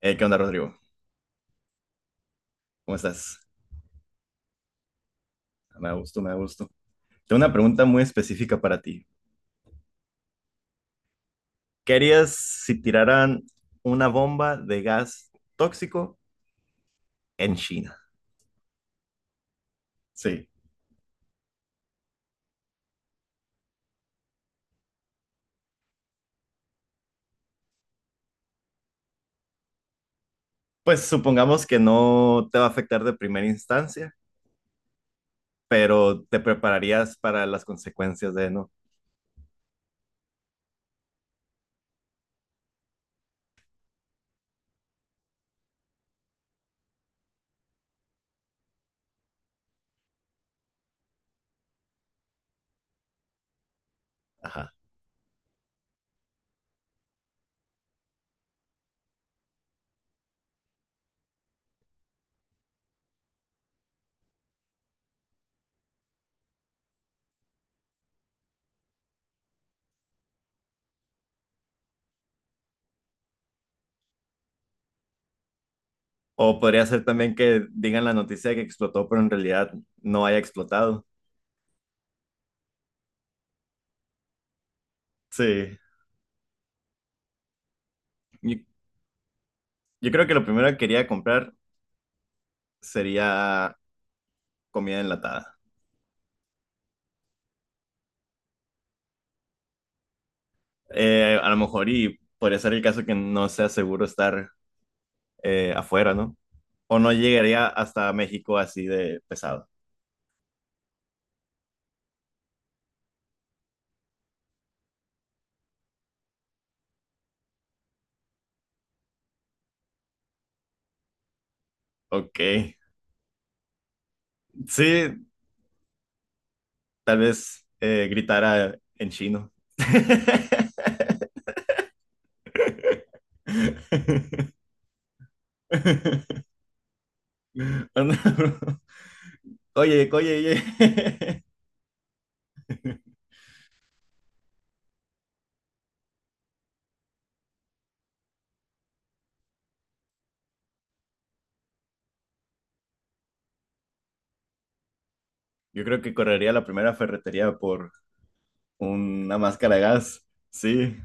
¿Qué onda, Rodrigo? ¿Cómo estás? Me da gusto, me da gusto. Tengo una pregunta muy específica para ti. ¿Qué harías si tiraran una bomba de gas tóxico en China? Sí. Pues supongamos que no te va a afectar de primera instancia, pero te prepararías para las consecuencias de no. Ajá. O podría ser también que digan la noticia de que explotó, pero en realidad no haya explotado. Sí. Yo, yo creo que lo primero que quería comprar sería comida enlatada. A lo mejor y podría ser el caso que no sea seguro estar afuera, ¿no? O no llegaría hasta México así de pesado. Ok. Sí, tal vez gritara en chino. Anda, bro. Oye, oye, oye. Yo creo que correría a la primera ferretería por una máscara de gas. Sí.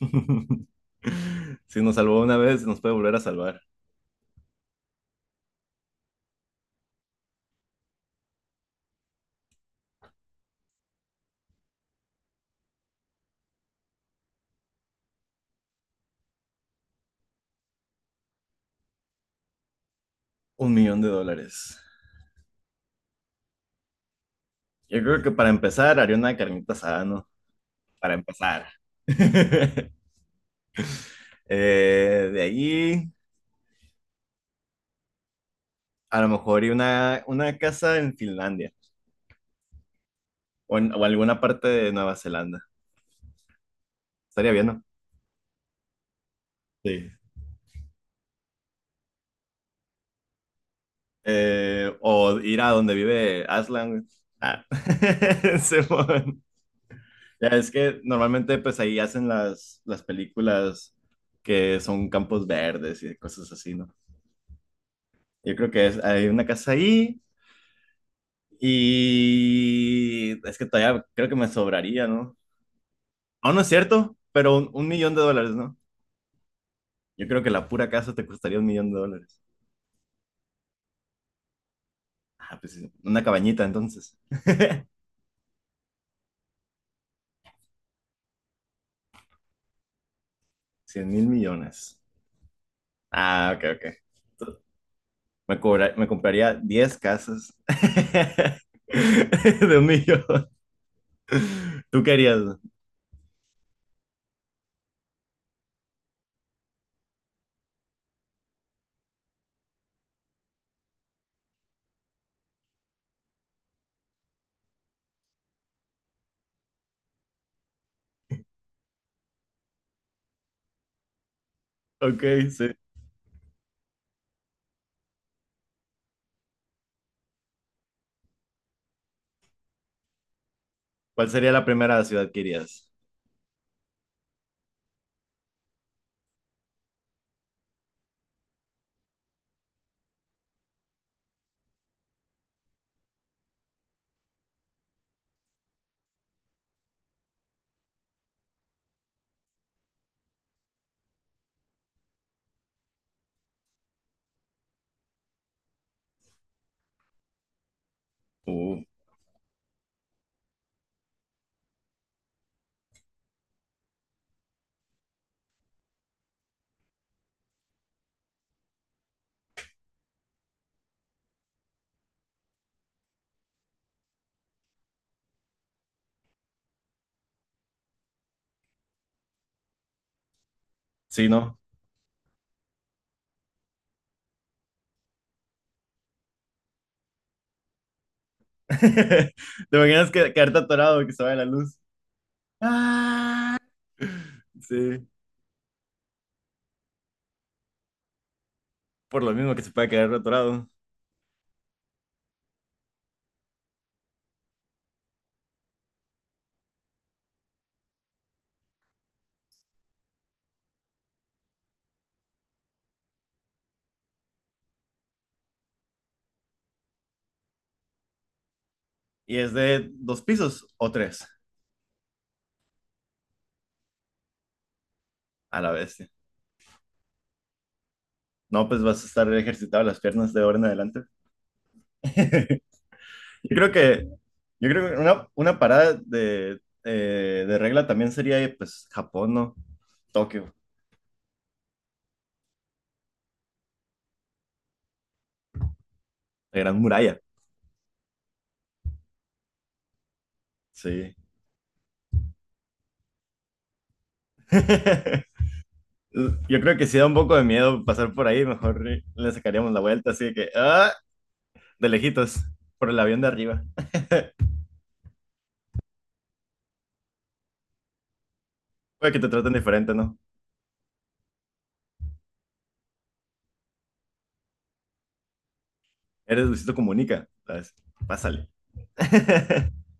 Si nos salvó una vez, nos puede volver a salvar. $1 millón. Yo creo que para empezar haría una carnita asada, ¿no? Para empezar. De ahí, a lo mejor haría una casa en Finlandia o alguna parte de Nueva Zelanda. Estaría bien, ¿no? Sí. O ir a donde vive Aslan, güey. Ah. Simón. Ya es que normalmente pues ahí hacen las películas que son campos verdes y cosas así, ¿no? Yo creo que hay una casa ahí. Y es que todavía creo que me sobraría, ¿no? Aún no es cierto, pero un millón de dólares, ¿no? Yo creo que la pura casa te costaría $1 millón. Ah, pues sí, una cabañita entonces. 100 mil millones. Ah, ok, ok. Tú- me compraría 10 casas de 1 millón. ¿Tú querías? Ok, sí. ¿Cuál sería la primera ciudad que irías? Uh, sí, ¿no? ¿Te imaginas que quedarte atorado que se vaya la luz? Ah. Sí, por lo mismo que se puede quedar atorado. Y es de dos pisos o tres a la vez. No, pues vas a estar ejercitado las piernas de ahora en adelante. Yo creo que, yo creo que una parada de regla también sería, pues, Japón, ¿no? Tokio, la Gran Muralla. Sí. Yo creo que si da un poco de miedo pasar por ahí, mejor le sacaríamos la vuelta, así que, de lejitos, por el avión de arriba. Puede que te traten diferente, ¿no? Eres Luisito Comunica, ¿sabes? Pásale.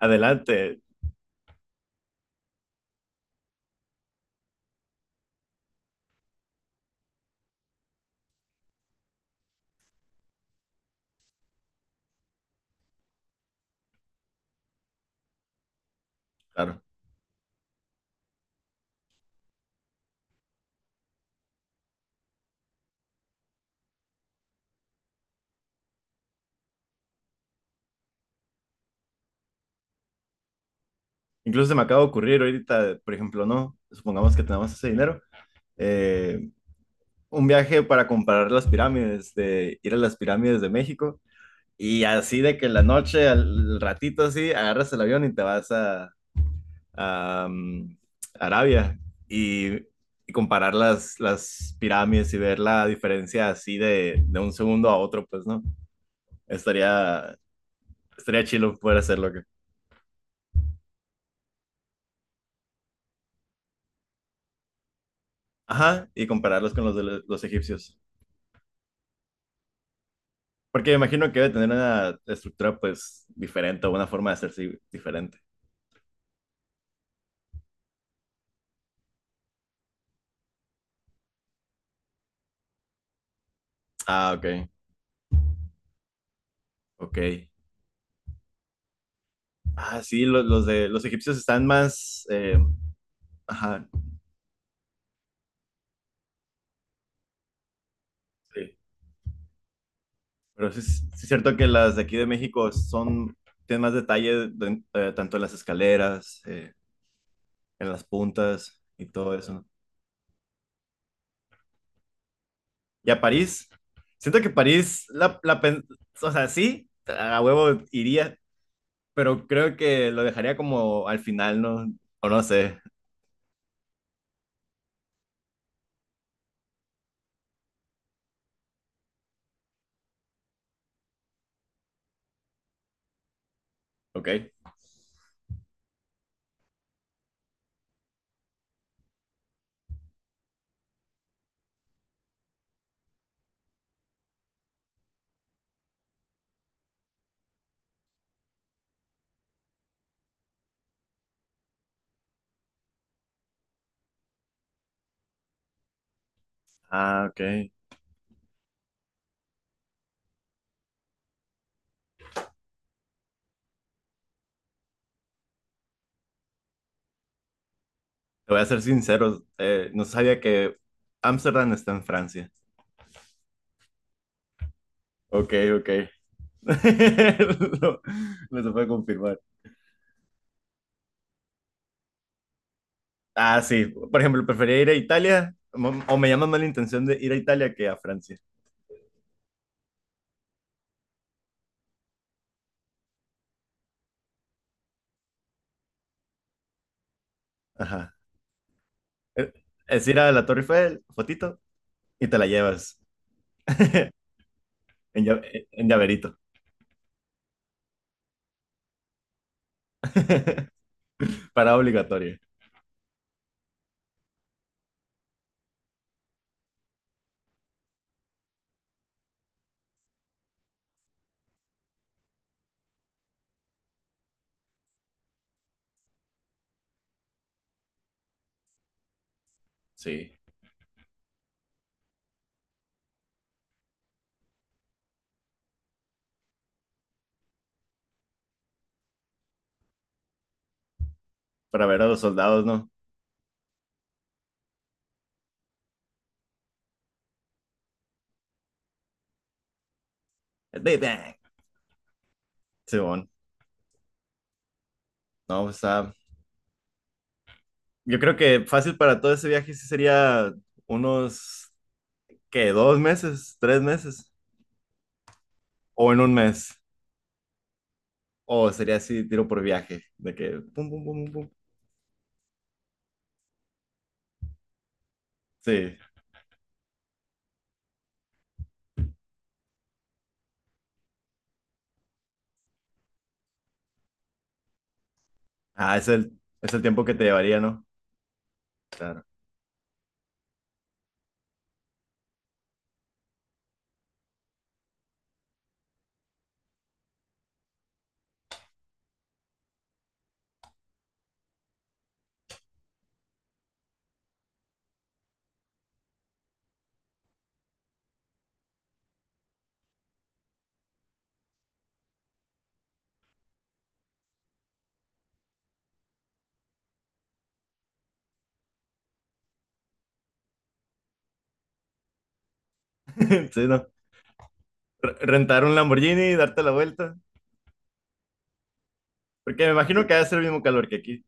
Adelante. Claro. Incluso se me acaba de ocurrir ahorita, por ejemplo, ¿no? Supongamos que tenemos ese dinero. eh, un viaje para comprar las pirámides, de ir a las pirámides de México. Y así de que en la noche, al ratito así, agarras el avión y te vas a Arabia. Y, y comparar las pirámides y ver la diferencia así de un segundo a otro, pues, ¿no? Estaría, estaría chido poder hacerlo. Ajá, y compararlos con los de los egipcios. Porque me imagino que debe tener una estructura pues diferente o una forma de hacerse diferente. Ah, ok, ok. Ah, sí, los, de los egipcios están más. Ajá, sí. Pero sí es cierto que las de aquí de México son, tienen más detalle tanto en las escaleras, en las puntas y todo eso. Y a París, siento que París, o sea, sí, a huevo iría, pero creo que lo dejaría como al final, ¿no? O no sé, ok. Ah, ok. Te voy a ser sincero, no sabía que Ámsterdam está en Francia. Ok, ok. No, no se puede confirmar. Ah, sí. Por ejemplo, prefería ir a Italia, o me llama más la intención de ir a Italia que a Francia. Ajá. Eh, Es ir a la Torre Eiffel, fotito, y te la llevas en, en llaverito. Para obligatorio. Sí. Para ver a los soldados, ¿no? El Big Bang. Simón, no, o sea, yo creo que fácil para todo ese viaje sí sería unos, ¿qué? ¿2 meses? ¿3 meses? ¿O en 1 mes? O sería así, tiro por viaje, de que pum, pum, pum, pum, pum. Sí, es el tiempo que te llevaría, ¿no? Claro. Sí, ¿no? Rentar un Lamborghini, darte la vuelta, porque me imagino que va a ser el mismo calor que aquí.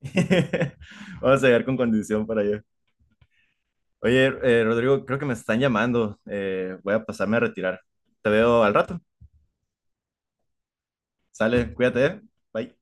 Vamos a llegar con condición para allá. Oye, Rodrigo, creo que me están llamando, voy a pasarme a retirar. Te veo al rato. Sale, cuídate, ¿eh? Bye.